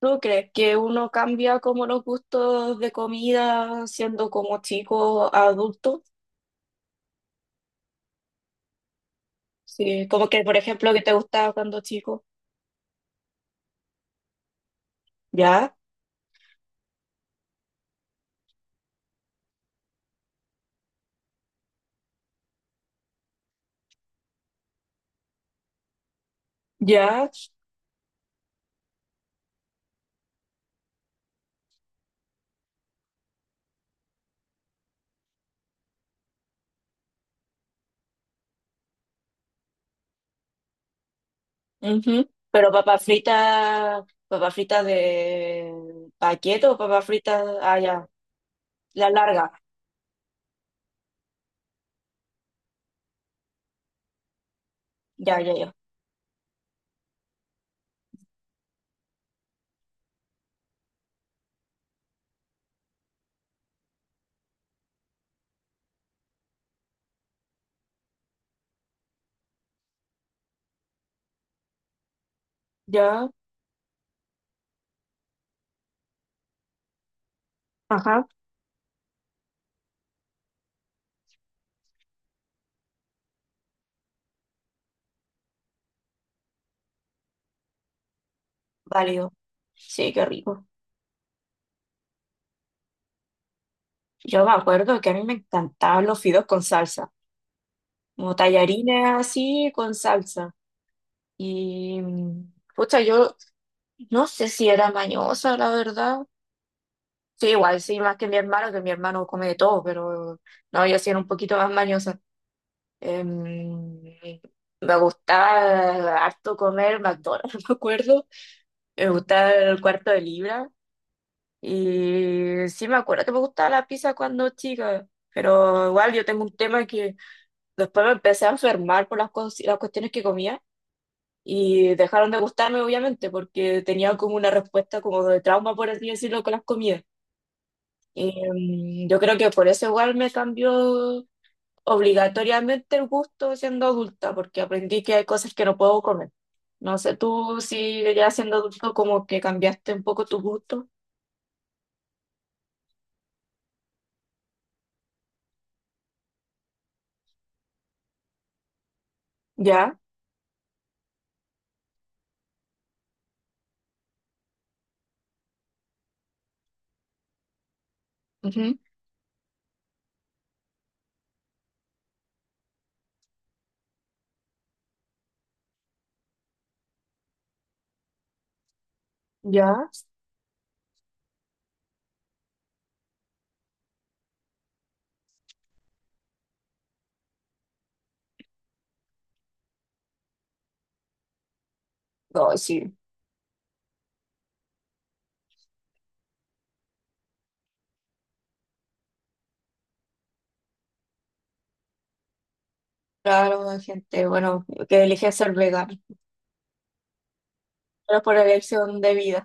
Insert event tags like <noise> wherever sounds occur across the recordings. ¿Tú crees que uno cambia como los gustos de comida siendo como chico a adulto? Sí, como que, por ejemplo, que te gustaba cuando chico. Ya, ya. Ujú. Pero papas fritas de paquete o papas fritas, ah, ya, la larga. Ya, ya, ya. Ya, ajá, válido. Sí, qué rico. Yo me acuerdo que a mí me encantaban los fideos con salsa, como tallarines así con salsa. Y, pucha, yo no sé si era mañosa, la verdad. Sí, igual, sí, más que mi hermano come de todo, pero no, yo sí era un poquito más mañosa. Em, Me gustaba harto comer McDonald's, <laughs> me acuerdo. Me gustaba el cuarto de libra. Y sí, me acuerdo que me gustaba la pizza cuando chica, pero igual yo tengo un tema que después me empecé a enfermar por las cuestiones que comía. Y dejaron de gustarme, obviamente, porque tenía como una respuesta como de trauma, por así decirlo, con las comidas. Yo creo que por eso igual me cambió obligatoriamente el gusto siendo adulta, porque aprendí que hay cosas que no puedo comer. No sé, tú si ya siendo adulto como que cambiaste un poco tu gusto. ¿Ya? Ujú. ¿Ya? No, sí. Claro, hay gente, bueno, que elige ser vegano, pero por elección de vida.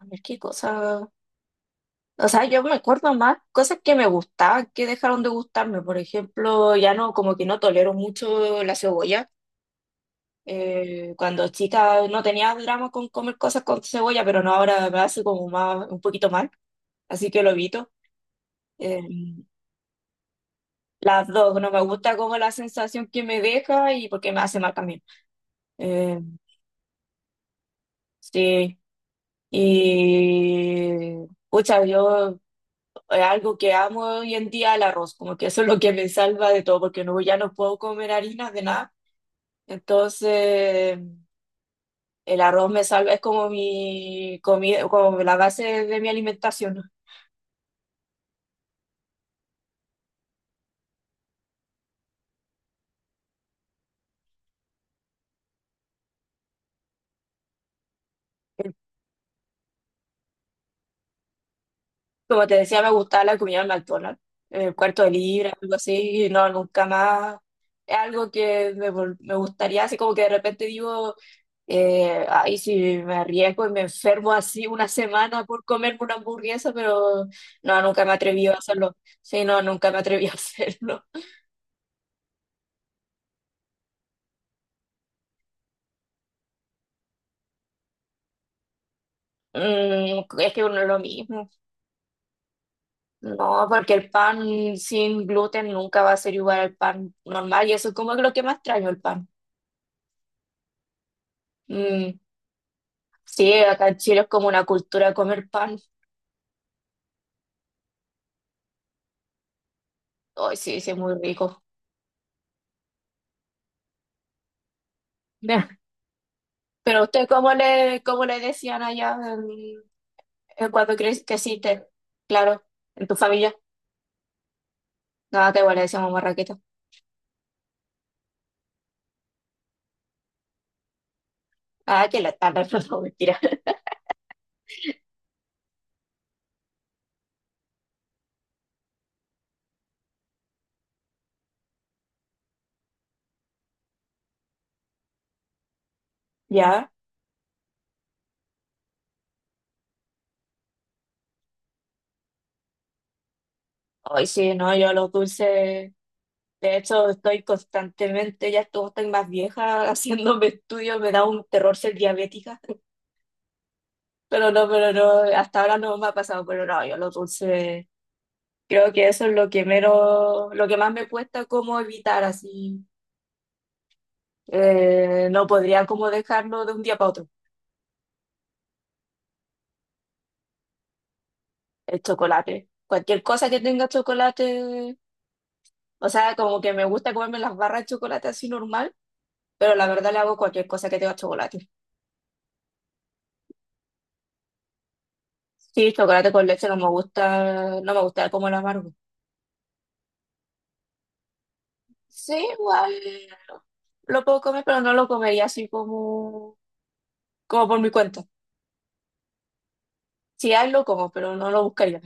A ver qué cosas. O sea, yo me acuerdo más cosas que me gustaban que dejaron de gustarme. Por ejemplo, ya no, como que no tolero mucho la cebolla. Cuando chica no tenía drama con comer cosas con cebolla, pero no, ahora me hace como más, un poquito mal, así que lo evito. Eh, las dos, no me gusta como la sensación que me deja y porque me hace mal también. Eh, sí, y pucha, yo algo que amo hoy en día el arroz, como que eso es lo que me salva de todo, porque no, ya no puedo comer harinas de nada. Entonces, el arroz me salva, es como mi comida, como la base de mi alimentación. eh, Como te decía, me gustaba la comida en McDonald's, el cuarto de libra, algo así, y no, nunca más. Es algo que me gustaría, así como que de repente digo, ay, si me arriesgo y me enfermo así una semana por comerme una hamburguesa, pero no, nunca me atreví a hacerlo. Sí, no, nunca me atreví a <laughs> hacerlo. Es que uno es lo mismo. No, porque el pan sin gluten nunca va a ser igual al pan normal, y eso es como lo que más extraño, el pan. Mm, sí, acá en Chile es como una cultura de comer pan. Ay, sí, sí, es muy rico. Ya. Pero usted, ¿cómo le decían allá en cuando creciste? Claro, en tu familia. No, acá igual le decíamos marraqueta. Ah, que la tarde, <laughs> no, mentira. ¿Ya? Ay, sí, no, yo los dulces. De hecho, estoy constantemente, ya estoy más vieja <laughs> haciéndome estudios, me da un terror ser diabética. Pero no, hasta ahora no me ha pasado, pero no, yo los dulces. Creo que eso es lo que menos, lo que más me cuesta como evitar así. No podría como dejarlo de un día para otro. El chocolate. Cualquier cosa que tenga chocolate, o sea, como que me gusta comerme las barras de chocolate así normal, pero la verdad le hago cualquier cosa que tenga chocolate. Sí, chocolate con leche no me gusta, no me gusta como el amargo. Sí, igual lo puedo comer, pero no lo comería así como, como por mi cuenta. Si hay, lo como, pero no lo buscaría.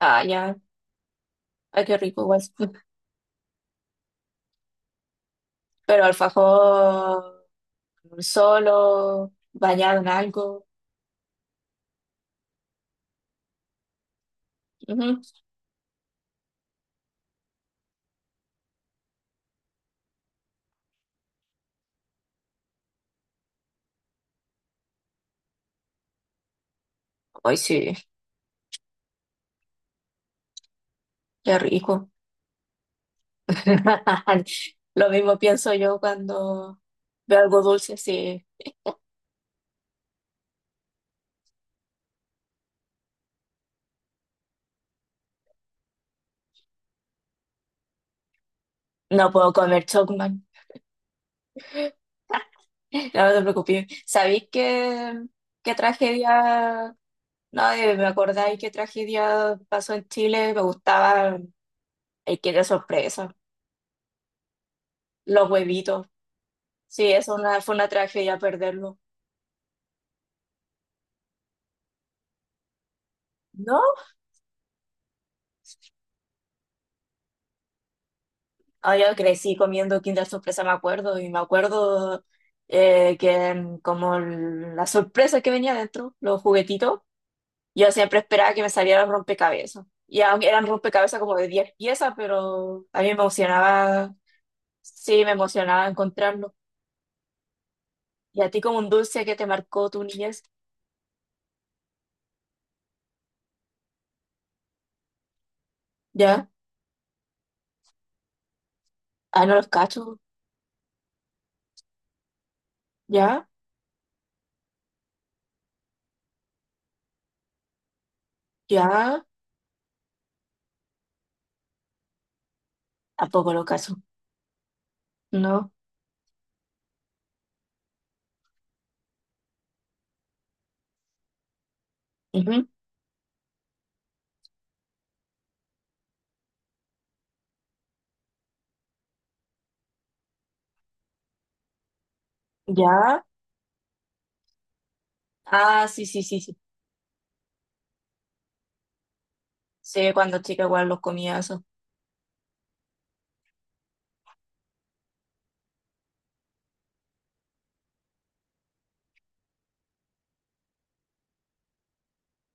Ah, ya, ay, qué rico igual. Pero alfajor solo, bañado en algo. Ujú. Ay, sí, qué rico. <laughs> Lo mismo pienso yo cuando veo algo dulce, sí. No puedo comer chocman. <laughs> No, no te preocupes. ¿Sabéis qué? Qué tragedia. No, me acordáis qué tragedia pasó en Chile. Me gustaba el que de sorpresa, los huevitos. Sí, eso, una, fue una tragedia perderlo. No. Ah, yo crecí comiendo Kinder Sorpresa, me acuerdo, y me acuerdo que como la sorpresa que venía dentro, los juguetitos, yo siempre esperaba que me salieran rompecabezas. Y aunque eran rompecabezas como de 10 piezas, pero a mí me emocionaba, sí, me emocionaba encontrarlo. Y a ti como un dulce que te marcó tu niñez, ¿ya? Ah, no los cacho, ¿ya? ¿Ya? Tampoco los cacho, ¿no? Ujú. ¿Ya? Ah, sí, sí, sí, sí. Sí, cuando chica igual los comía eso.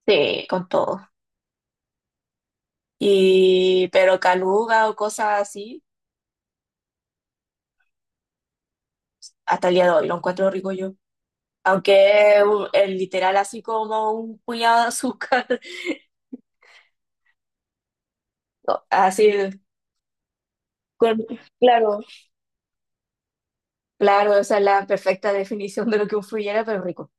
Sí, con todo. Y, pero caluga o cosas así, hasta el día de hoy lo encuentro rico yo. Aunque es es literal así como un puñado de azúcar, <laughs> no, así, con- claro, claro, esa es la perfecta definición de lo que un frullera, pero rico.